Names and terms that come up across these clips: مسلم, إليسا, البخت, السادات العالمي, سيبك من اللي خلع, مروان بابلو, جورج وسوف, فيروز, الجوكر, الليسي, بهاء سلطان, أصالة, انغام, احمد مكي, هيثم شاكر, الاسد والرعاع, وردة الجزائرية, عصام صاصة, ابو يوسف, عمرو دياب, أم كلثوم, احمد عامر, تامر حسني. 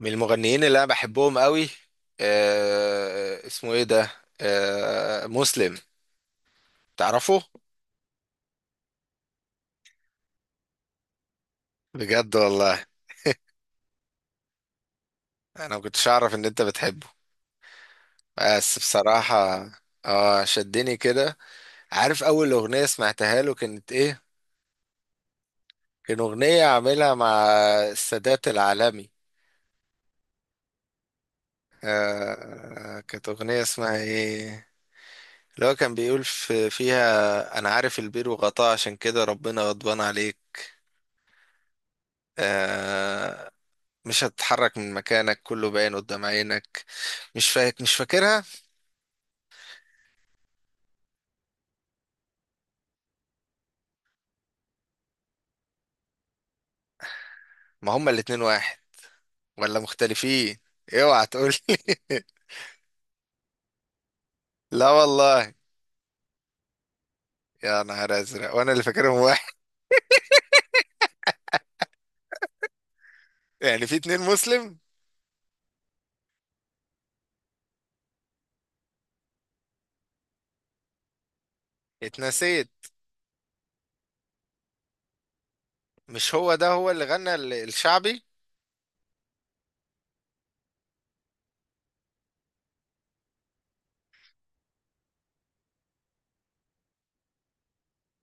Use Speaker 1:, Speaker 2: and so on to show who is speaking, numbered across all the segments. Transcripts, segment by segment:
Speaker 1: من المغنيين اللي انا بحبهم قوي. اسمه ايه ده؟ آه، مسلم. تعرفه؟ بجد، والله. انا ما كنتش اعرف ان انت بتحبه. بس بصراحة، اه شدني كده. عارف اول اغنية سمعتها له كانت ايه؟ كان اغنية عاملها مع السادات العالمي. كانت اغنية اسمها ايه اللي هو كان بيقول في فيها انا عارف البير وغطاه، عشان كده ربنا غضبان عليك. آه. مش هتتحرك من مكانك، كله باين قدام عينك. مش فاكرها. ما هما الاتنين واحد ولا مختلفين؟ اوعى تقول لي. لا والله. يا نهار ازرق وانا اللي فاكرهم واحد. يعني في اتنين مسلم؟ اتنسيت. مش هو ده هو اللي غنى الشعبي؟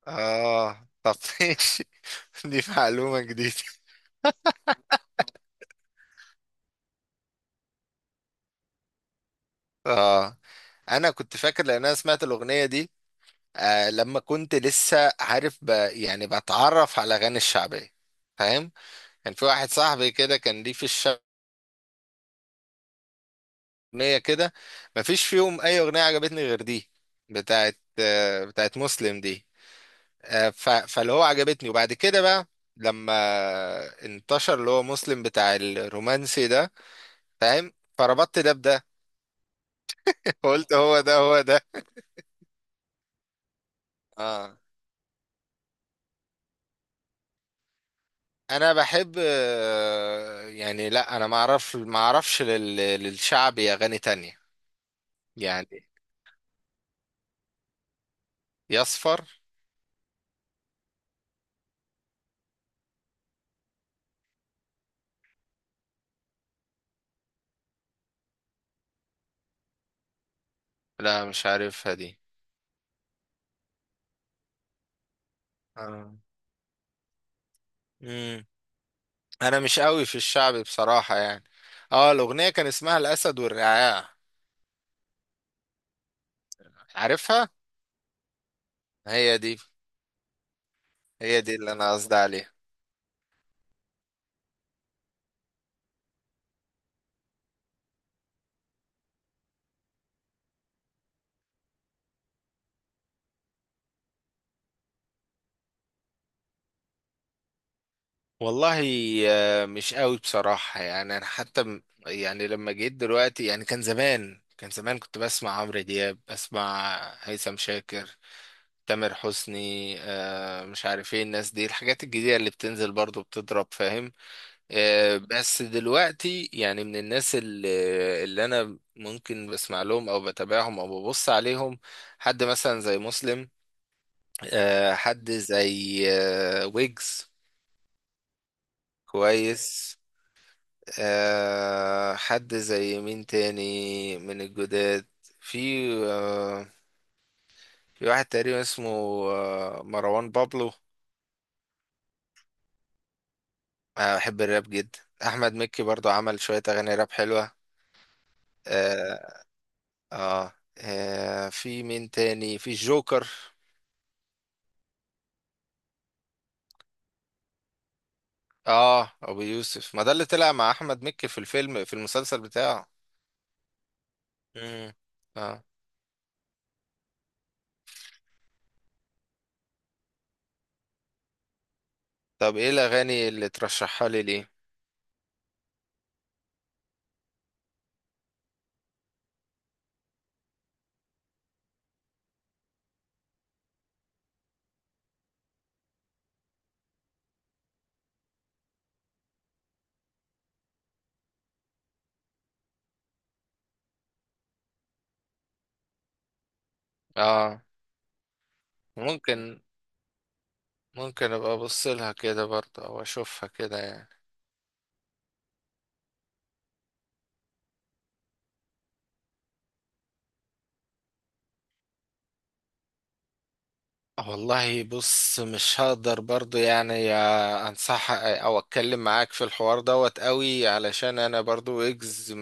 Speaker 1: اه طب، ماشي. دي معلومة جديدة. اه، انا كنت فاكر لان انا سمعت الاغنية دي لما كنت لسه عارف يعني بتعرف على اغاني الشعبية، فاهم. كان في واحد صاحبي كده كان ليه في الشعب أغنية كده، مفيش فيهم أي أغنية عجبتني غير دي. بتاعت بتاعت مسلم دي. فاللي هو عجبتني، وبعد كده بقى لما انتشر اللي هو مسلم بتاع الرومانسي ده، فاهم، فربطت ده بده. قلت هو ده هو ده. اه انا بحب، يعني لا انا ما اعرفش للشعبي اغاني تانية يعني. يصفر. لا مش عارفها دي. اه انا مش قوي في الشعبي بصراحة يعني. اه الاغنية كان اسمها الاسد والرعاع. عارفها. هي دي. هي دي اللي انا قصدي عليها. والله، مش قوي بصراحة يعني. انا حتى يعني لما جيت دلوقتي يعني، كان زمان كنت بسمع عمرو دياب، بسمع هيثم شاكر، تامر حسني، مش عارف ايه الناس دي. الحاجات الجديدة اللي بتنزل برضو بتضرب، فاهم. بس دلوقتي يعني من اللي انا ممكن بسمع لهم او بتابعهم او ببص عليهم حد مثلا زي مسلم، حد زي ويجز. كويس. حد زي مين تاني من الجداد؟ في، آه، في واحد تقريبا اسمه مروان بابلو. أنا بحب الراب جدا. احمد مكي برضو عمل شوية اغاني راب حلوة. آه. اه. في مين تاني؟ في الجوكر. اه ابو يوسف. ما ده اللي طلع مع احمد مكي في الفيلم، في المسلسل بتاعه. مم. اه طب ايه الاغاني اللي ترشحها لي ليه؟ اه ممكن ممكن ابقى ابص لها كده برضه او اشوفها كده يعني. والله بص مش هقدر برضه يعني يا انصح او اتكلم معاك في الحوار دوت قوي، علشان انا برضه اجز.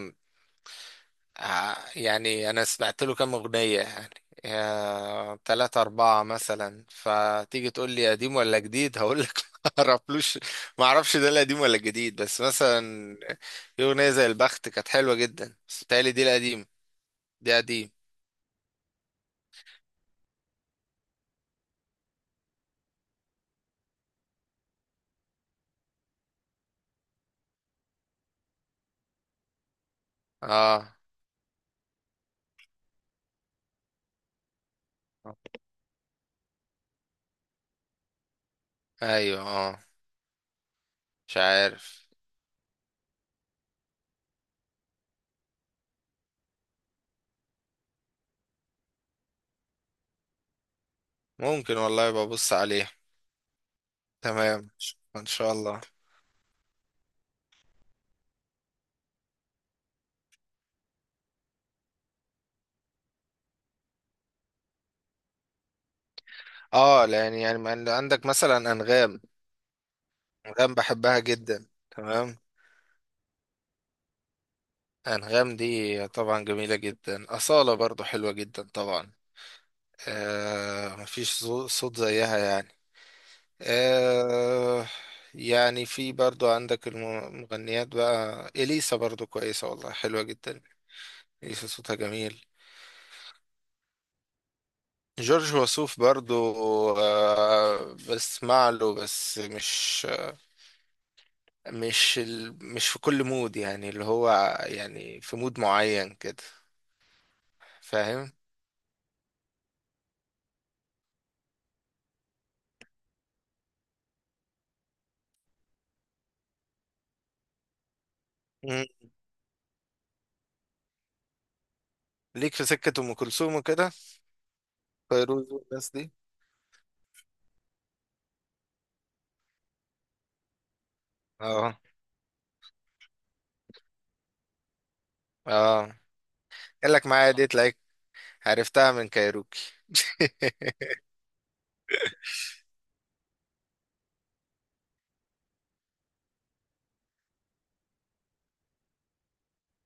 Speaker 1: يعني انا سمعت له كام اغنيه يعني، يا تلاتة أربعة مثلا، فتيجي تقول لي قديم ولا جديد هقول لك ما اعرفلوش. ما اعرفش ده القديم ولا الجديد. بس مثلا في أغنية زي البخت كانت حلوة جدا، بس بتهيألي دي القديم. دي قديم. اه ايوه اه. مش عارف. ممكن، والله، ببص عليه. تمام، ان شاء الله. اه لان يعني ما عند- عندك مثلا انغام. انغام بحبها جدا، تمام. أنغام دي طبعا جميلة جدا. أصالة برضو حلوة جدا طبعا. آه، مفيش صوت زيها يعني. آه. يعني في برضو عندك المغنيات بقى، إليسا برضو كويسة والله، حلوة جدا. إليسا صوتها جميل. جورج وسوف برضو آه بسمع له، بس مش في كل مود يعني اللي هو، يعني في مود معين كده، فاهم. مم. ليك في سكة أم كلثوم وكده، فيروز والناس دي. اه. اه. قال لك معايا دي تلاقيك، عرفتها من كايروكي.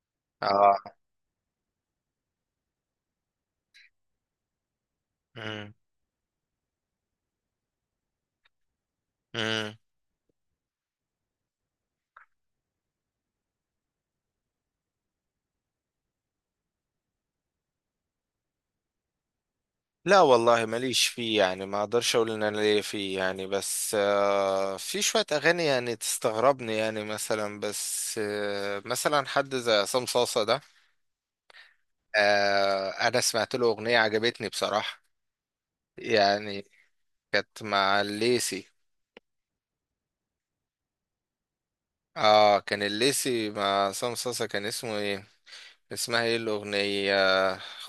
Speaker 1: اه. مم. مم. لا والله ماليش فيه يعني، ما اقدرش اقول ان انا ليا فيه يعني، بس في شوية اغاني يعني تستغربني يعني. مثلا، بس مثلا حد زي عصام صاصة ده، آه انا سمعت له اغنية عجبتني بصراحة يعني. كانت مع الليسي. اه كان الليسي مع عصام صاصة. كان اسمه ايه؟ اسمها ايه الاغنيه؟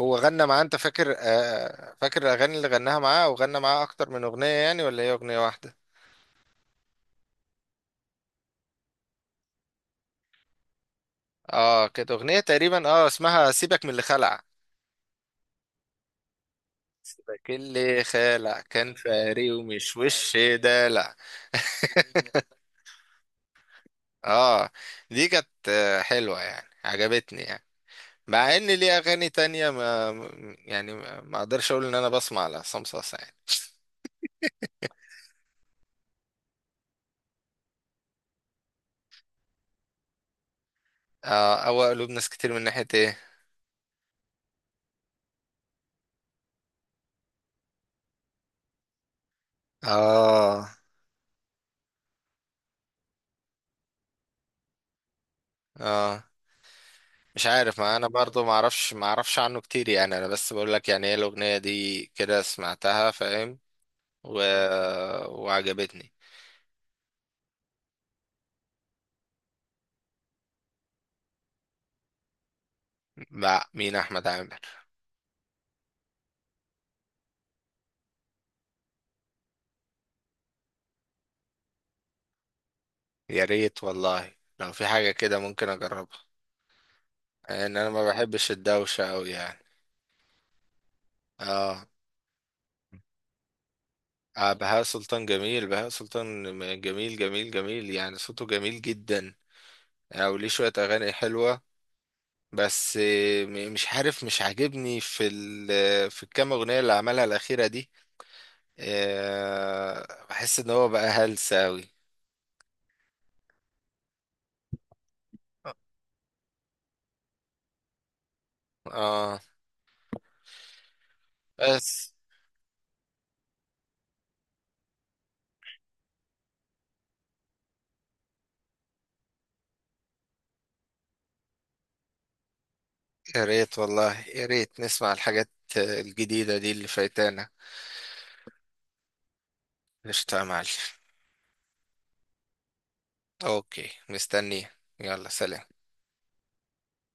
Speaker 1: هو غنى معاه، انت فاكر؟ فاكر الاغاني اللي غناها معاه، او غنى معاه اكتر من اغنيه يعني ولا هي اغنيه واحده؟ اه كانت اغنيه تقريبا، اه اسمها سيبك من اللي خلع. سيبك اللي خلع كان فاري ومش وش دلع. اه دي كانت حلوه يعني عجبتني يعني، مع ان ليه اغاني تانية ما يعني، ما اقدرش اقول ان انا بسمع لعصام صاصا يعني. اه. او قلوب ناس كتير من ناحيه ايه؟ اه. اه. مش عارف، ما انا برضو ما اعرفش عنه كتير يعني. انا بس بقول لك يعني ايه الاغنيه دي كده سمعتها، فاهم، و... وعجبتني. مع مين احمد عامر؟ يا ريت والله لو في حاجه كده ممكن اجربها، لان انا ما بحبش الدوشه قوي يعني. اه. بهاء سلطان جميل. بهاء سلطان جميل جميل جميل يعني. صوته جميل جدا. وليه شويه اغاني حلوه. بس مش عارف، مش عاجبني في في الكام اغنيه اللي عملها الاخيره دي. بحس ان هو بقى هلس اوي. اه بس. يا ريت والله، يا ريت نسمع الحاجات الجديدة دي اللي فايتانا. قشطة يا معلم. اوكي، مستنيه. يلا، سلام.